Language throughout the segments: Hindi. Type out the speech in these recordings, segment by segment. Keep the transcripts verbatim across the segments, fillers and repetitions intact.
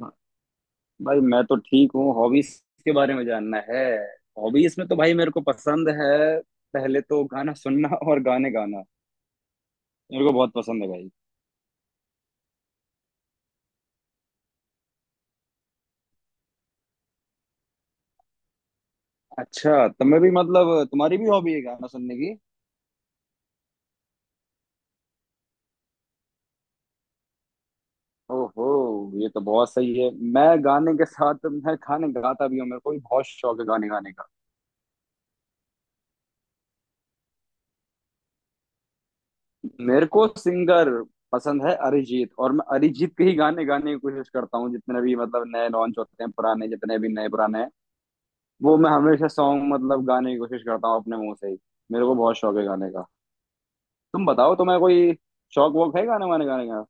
भा- भाई मैं तो ठीक हूँ। हॉबीज के बारे में जानना है? हॉबीज में तो भाई मेरे को पसंद है, पहले तो गाना सुनना और गाने गाना मेरे को बहुत पसंद है भाई। अच्छा तुम्हें भी मतलब तुम्हारी भी हॉबी है गाना सुनने की? ओहो, ये तो बहुत सही है। मैं गाने के साथ मैं गाने गाता भी हूँ, मेरे को भी बहुत शौक है गाने गाने का। मेरे को सिंगर पसंद है अरिजीत, और मैं अरिजीत के ही गाने गाने की कोशिश करता हूँ, जितने भी मतलब नए लॉन्च होते हैं पुराने, जितने भी नए पुराने वो मैं हमेशा सॉन्ग मतलब गाने की कोशिश करता हूँ अपने मुंह से ही। मेरे को बहुत शौक है गाने का। तुम बताओ तुम्हें कोई शौक वौक है गाने वाने गाने का?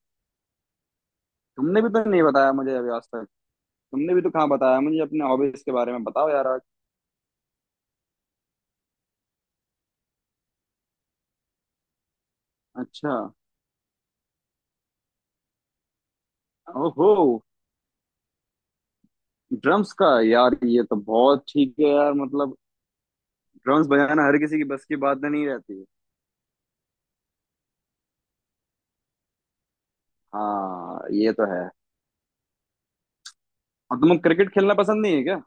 तुमने भी तो नहीं बताया मुझे अभी आज तक। तुमने भी तो कहाँ बताया मुझे, अपने हॉबीज के बारे में बताओ यार आज। अच्छा। ओहो, ड्रम्स का? यार ये तो बहुत ठीक है यार, मतलब ड्रम्स बजाना हर किसी की बस की बात नहीं रहती। हाँ, ये तो है। और तुम्हें क्रिकेट खेलना पसंद नहीं है क्या?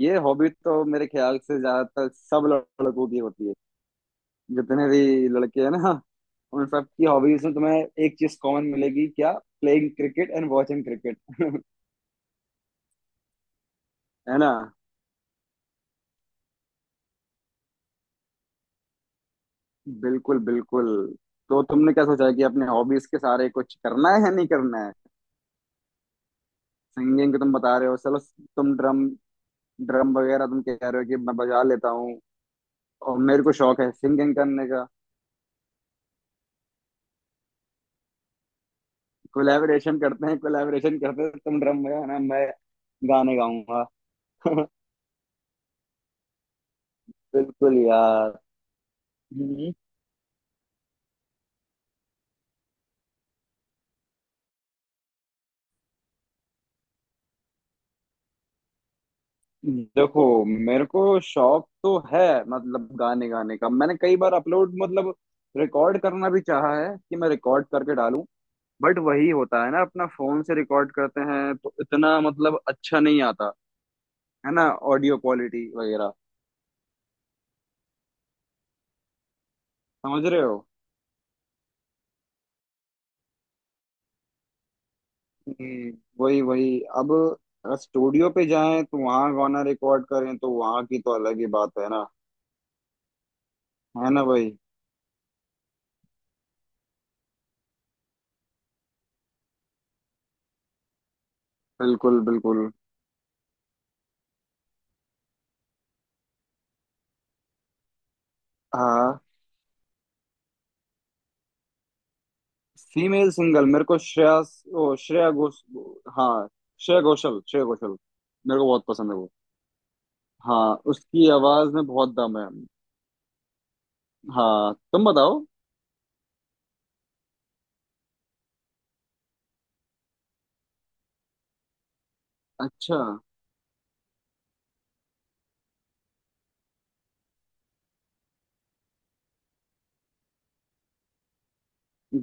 ये हॉबी तो मेरे ख्याल से ज्यादातर सब लड़कों की होती है। जितने भी लड़के हैं ना, उन सब की हॉबीज में तुम्हें एक चीज कॉमन मिलेगी क्या? Playing cricket and watching cricket. है ना? बिल्कुल बिल्कुल। तो तुमने क्या सोचा है कि अपने हॉबीज के सारे कुछ करना है या नहीं करना है? सिंगिंग तुम बता रहे हो, चलो। तुम ड्रम ड्रम वगैरह तुम कह रहे हो कि मैं बजा लेता हूँ, और मेरे को शौक है सिंगिंग करने का। कोलैबोरेशन करते हैं, कोलैबोरेशन करते हैं। तुम ड्रम बजाना, मैं गाने गाऊंगा। बिल्कुल यार। देखो मेरे को शौक तो है मतलब गाने गाने का, मैंने कई बार अपलोड मतलब रिकॉर्ड करना भी चाहा है कि मैं रिकॉर्ड करके डालूं, बट वही होता है ना, अपना फोन से रिकॉर्ड करते हैं तो इतना मतलब अच्छा नहीं आता, है ना, ऑडियो क्वालिटी वगैरह। समझ रहे हो। हम्म। वही वही अब अगर स्टूडियो पे जाएं तो वहां गाना रिकॉर्ड करें तो वहां की तो अलग ही बात है ना। है ना भाई? बिल्कुल बिल्कुल। हाँ। फीमेल सिंगल मेरे को श्रेया, ओ श्रेया घोष, हाँ श्रेया घोषल श्रेया घोषल। मेरे को बहुत पसंद है वो। हाँ उसकी आवाज में बहुत दम है। हाँ, तुम बताओ। अच्छा।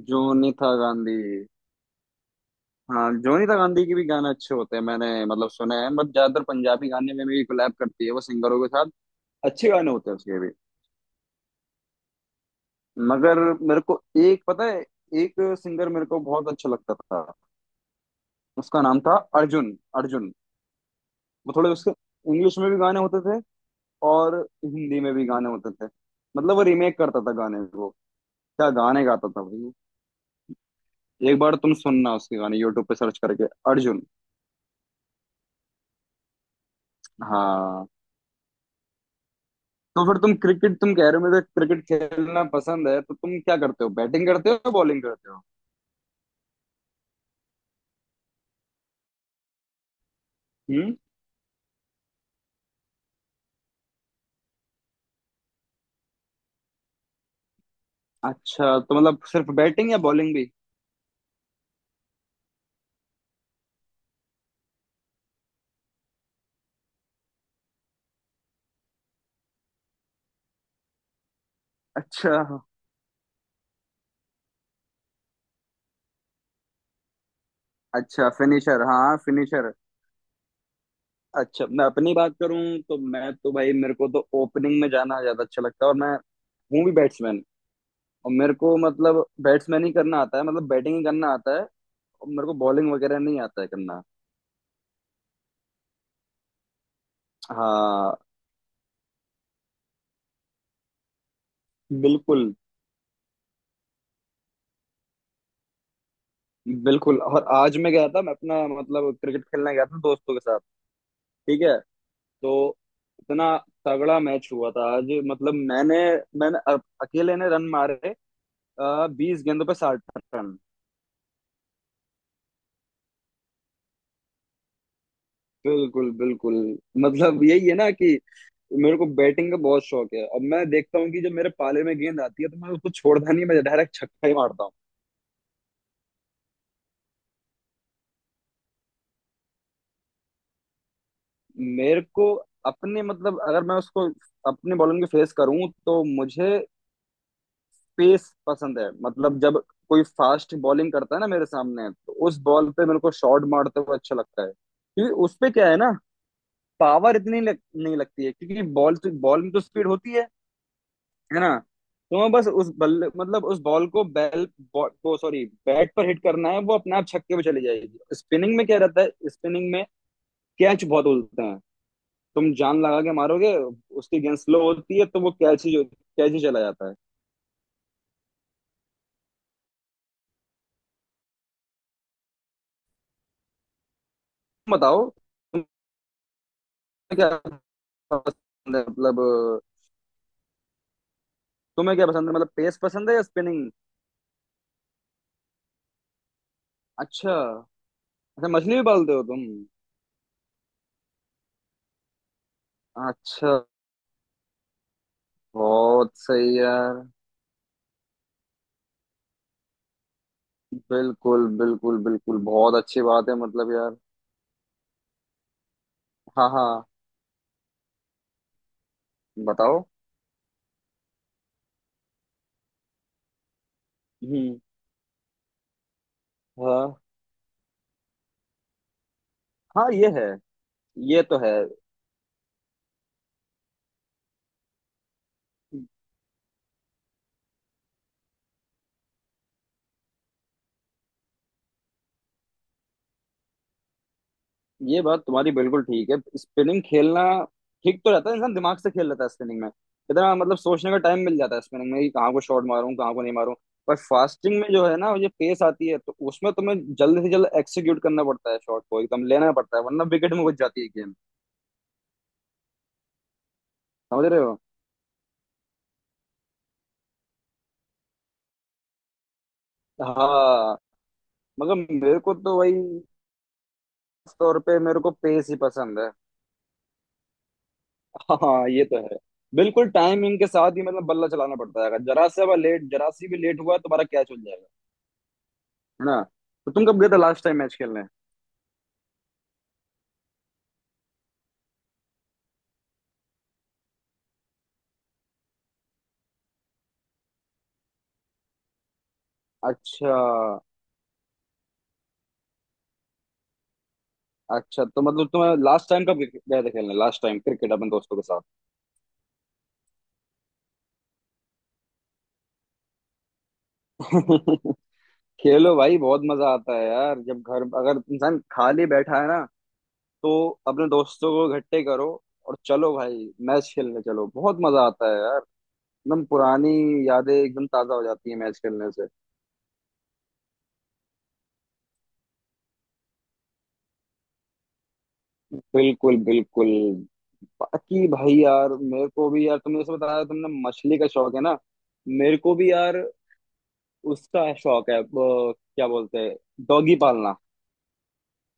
जोनीता गांधी? हाँ जोनीता गांधी के भी गाने अच्छे होते हैं, मैंने मतलब सुने हैं, बट ज्यादातर पंजाबी गाने में भी कोलैब करती है वो सिंगरों के साथ। अच्छे गाने होते हैं उसके भी। मगर मेरे को एक पता है, एक सिंगर मेरे को बहुत अच्छा लगता था, उसका नाम था अर्जुन, अर्जुन। वो थोड़े उसके इंग्लिश में भी गाने होते थे, और हिंदी में भी गाने होते थे। मतलब वो रीमेक करता था गाने को। क्या गाने गाता था भाई वो। एक बार तुम सुनना उसके गाने, यूट्यूब पे सर्च करके, अर्जुन। हाँ। तो फिर तुम क्रिकेट तुम कह रहे हो मुझे क्रिकेट खेलना पसंद है, तो तुम क्या करते हो, बैटिंग करते हो बॉलिंग करते हो? हम्म। अच्छा तो मतलब सिर्फ बैटिंग या बॉलिंग भी? अच्छा। अच्छा फिनिशर, हाँ फिनिशर। अच्छा मैं अपनी बात करूं तो मैं तो भाई, मेरे को तो ओपनिंग में जाना ज्यादा अच्छा लगता है, और मैं हूँ भी बैट्समैन। और मेरे को मतलब बैट्समैन ही करना आता है, मतलब बैटिंग ही करना आता है, और मेरे को बॉलिंग वगैरह नहीं आता है करना। हाँ। बिल्कुल बिल्कुल। और आज मैं गया था, मैं अपना मतलब क्रिकेट खेलने गया था दोस्तों के साथ, ठीक है, तो इतना तगड़ा मैच हुआ था आज, मतलब मैंने मैंने अ- अकेले ने रन मारे, बीस गेंदों पे साठ रन। बिल्कुल बिल्कुल। मतलब यही है ना कि मेरे को बैटिंग का बहुत शौक है, और मैं देखता हूँ कि जब मेरे पाले में गेंद आती है तो मैं उसको छोड़ता नहीं, मैं डायरेक्ट छक्का ही मारता। मेरे को अपने मतलब अगर मैं उसको अपने बॉलिंग को फेस करूं तो मुझे पेस पसंद है। मतलब जब कोई फास्ट बॉलिंग करता है ना मेरे सामने, तो उस बॉल पे मेरे को शॉट मारते हुए अच्छा लगता है, क्योंकि उस पे क्या है ना, पावर इतनी लग, नहीं लगती है, क्योंकि बॉल तो बॉल में तो स्पीड होती है। है ना, तो मैं बस उस बल्ले मतलब उस बॉल को बैल बॉल को सॉरी बैट पर हिट करना है, वो अपने आप छक्के पे चली जाएगी। स्पिनिंग में क्या रहता है, स्पिनिंग में कैच बहुत उलते हैं। तुम जान लगा के मारोगे, उसकी गेंद स्लो होती है तो वो कैच ही कैच ही चला जाता है। तुम बताओ तुम्हें क्या पसंद है मतलब, तुम्हें क्या पसंद है मतलब पेस पसंद है या स्पिनिंग? अच्छा। अच्छा मछली भी पालते हो तुम? अच्छा, बहुत सही यार। बिल्कुल बिल्कुल बिल्कुल, बहुत अच्छी बात है मतलब यार। हाँ हाँ, बताओ। हम्म। हाँ। हाँ ये है। ये तो है। ये बात तुम्हारी बिल्कुल ठीक है, स्पिनिंग खेलना ठीक तो रहता है, इंसान दिमाग से खेल लेता है स्पिनिंग में, इतना मतलब सोचने का टाइम मिल जाता है स्पिनिंग में, कि कहाँ को शॉट मारूं कहाँ को नहीं मारूं। पर फास्टिंग में जो है ना, ये पेस आती है तो उसमें तुम्हें जल्द से जल्द एक्सिक्यूट करना पड़ता है, शॉट को एकदम लेना पड़ता है, वरना विकेट में घुस जाती है गेम। समझ रहे हो। हाँ। मगर मेरे को तो वही, खास तौर पे मेरे को पेस ही पसंद है। हाँ ये तो है। बिल्कुल टाइमिंग के साथ ही मतलब बल्ला चलाना पड़ता है, अगर जरा सा लेट, जरा सी भी लेट हुआ तुम्हारा कैच हो जाएगा। है ना। तो तुम कब गए थे लास्ट टाइम मैच खेलने? अच्छा। अच्छा तो मतलब तुम्हें लास्ट टाइम कब गए थे खेलने, लास्ट टाइम क्रिकेट अपने दोस्तों के साथ? खेलो भाई, बहुत मजा आता है यार, जब घर अगर इंसान खाली बैठा है ना, तो अपने दोस्तों को इकट्ठे करो और चलो भाई मैच खेलने चलो, बहुत मजा आता है यार। एकदम पुरानी यादें एकदम ताजा हो जाती है मैच खेलने से। बिल्कुल बिल्कुल। बाकी भाई यार, मेरे को भी यार, तुमने जैसे बताया तुमने मछली का शौक है ना, मेरे को भी यार उसका शौक है, वो क्या बोलते हैं, डॉगी पालना।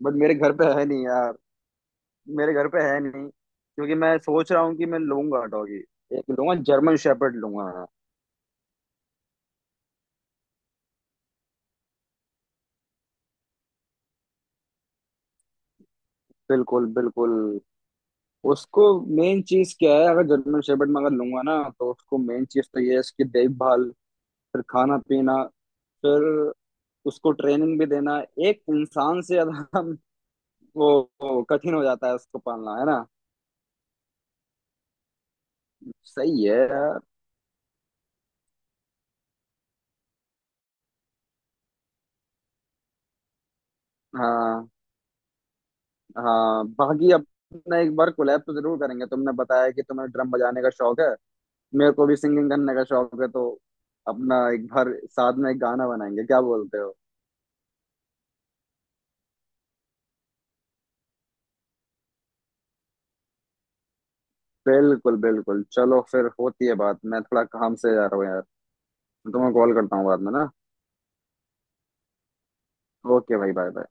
बट मेरे घर पे है नहीं यार, मेरे घर पे है नहीं, क्योंकि मैं सोच रहा हूँ कि मैं लूंगा डॉगी एक, लूंगा जर्मन शेपर्ड लूंगा मैं। बिल्कुल बिल्कुल। उसको मेन चीज क्या है, अगर जर्मन शेपर्ड में अगर लूंगा ना, तो उसको मेन चीज तो ये है, इसकी देखभाल, फिर खाना पीना, फिर उसको ट्रेनिंग भी देना, एक इंसान से ज्यादा। वो, वो कठिन हो जाता है उसको पालना, है ना। सही है यार। हाँ। हाँ बाकी अपना एक बार कोलैब तो जरूर करेंगे, तुमने बताया कि तुम्हें ड्रम बजाने का शौक है, मेरे को भी सिंगिंग करने का शौक है, तो अपना एक बार साथ में एक गाना बनाएंगे, क्या बोलते हो? बिल्कुल बिल्कुल। चलो फिर होती है बात, मैं थोड़ा काम से जा रहा हूँ यार, तुम्हें कॉल करता हूँ बाद में ना। ओके भाई, बाय।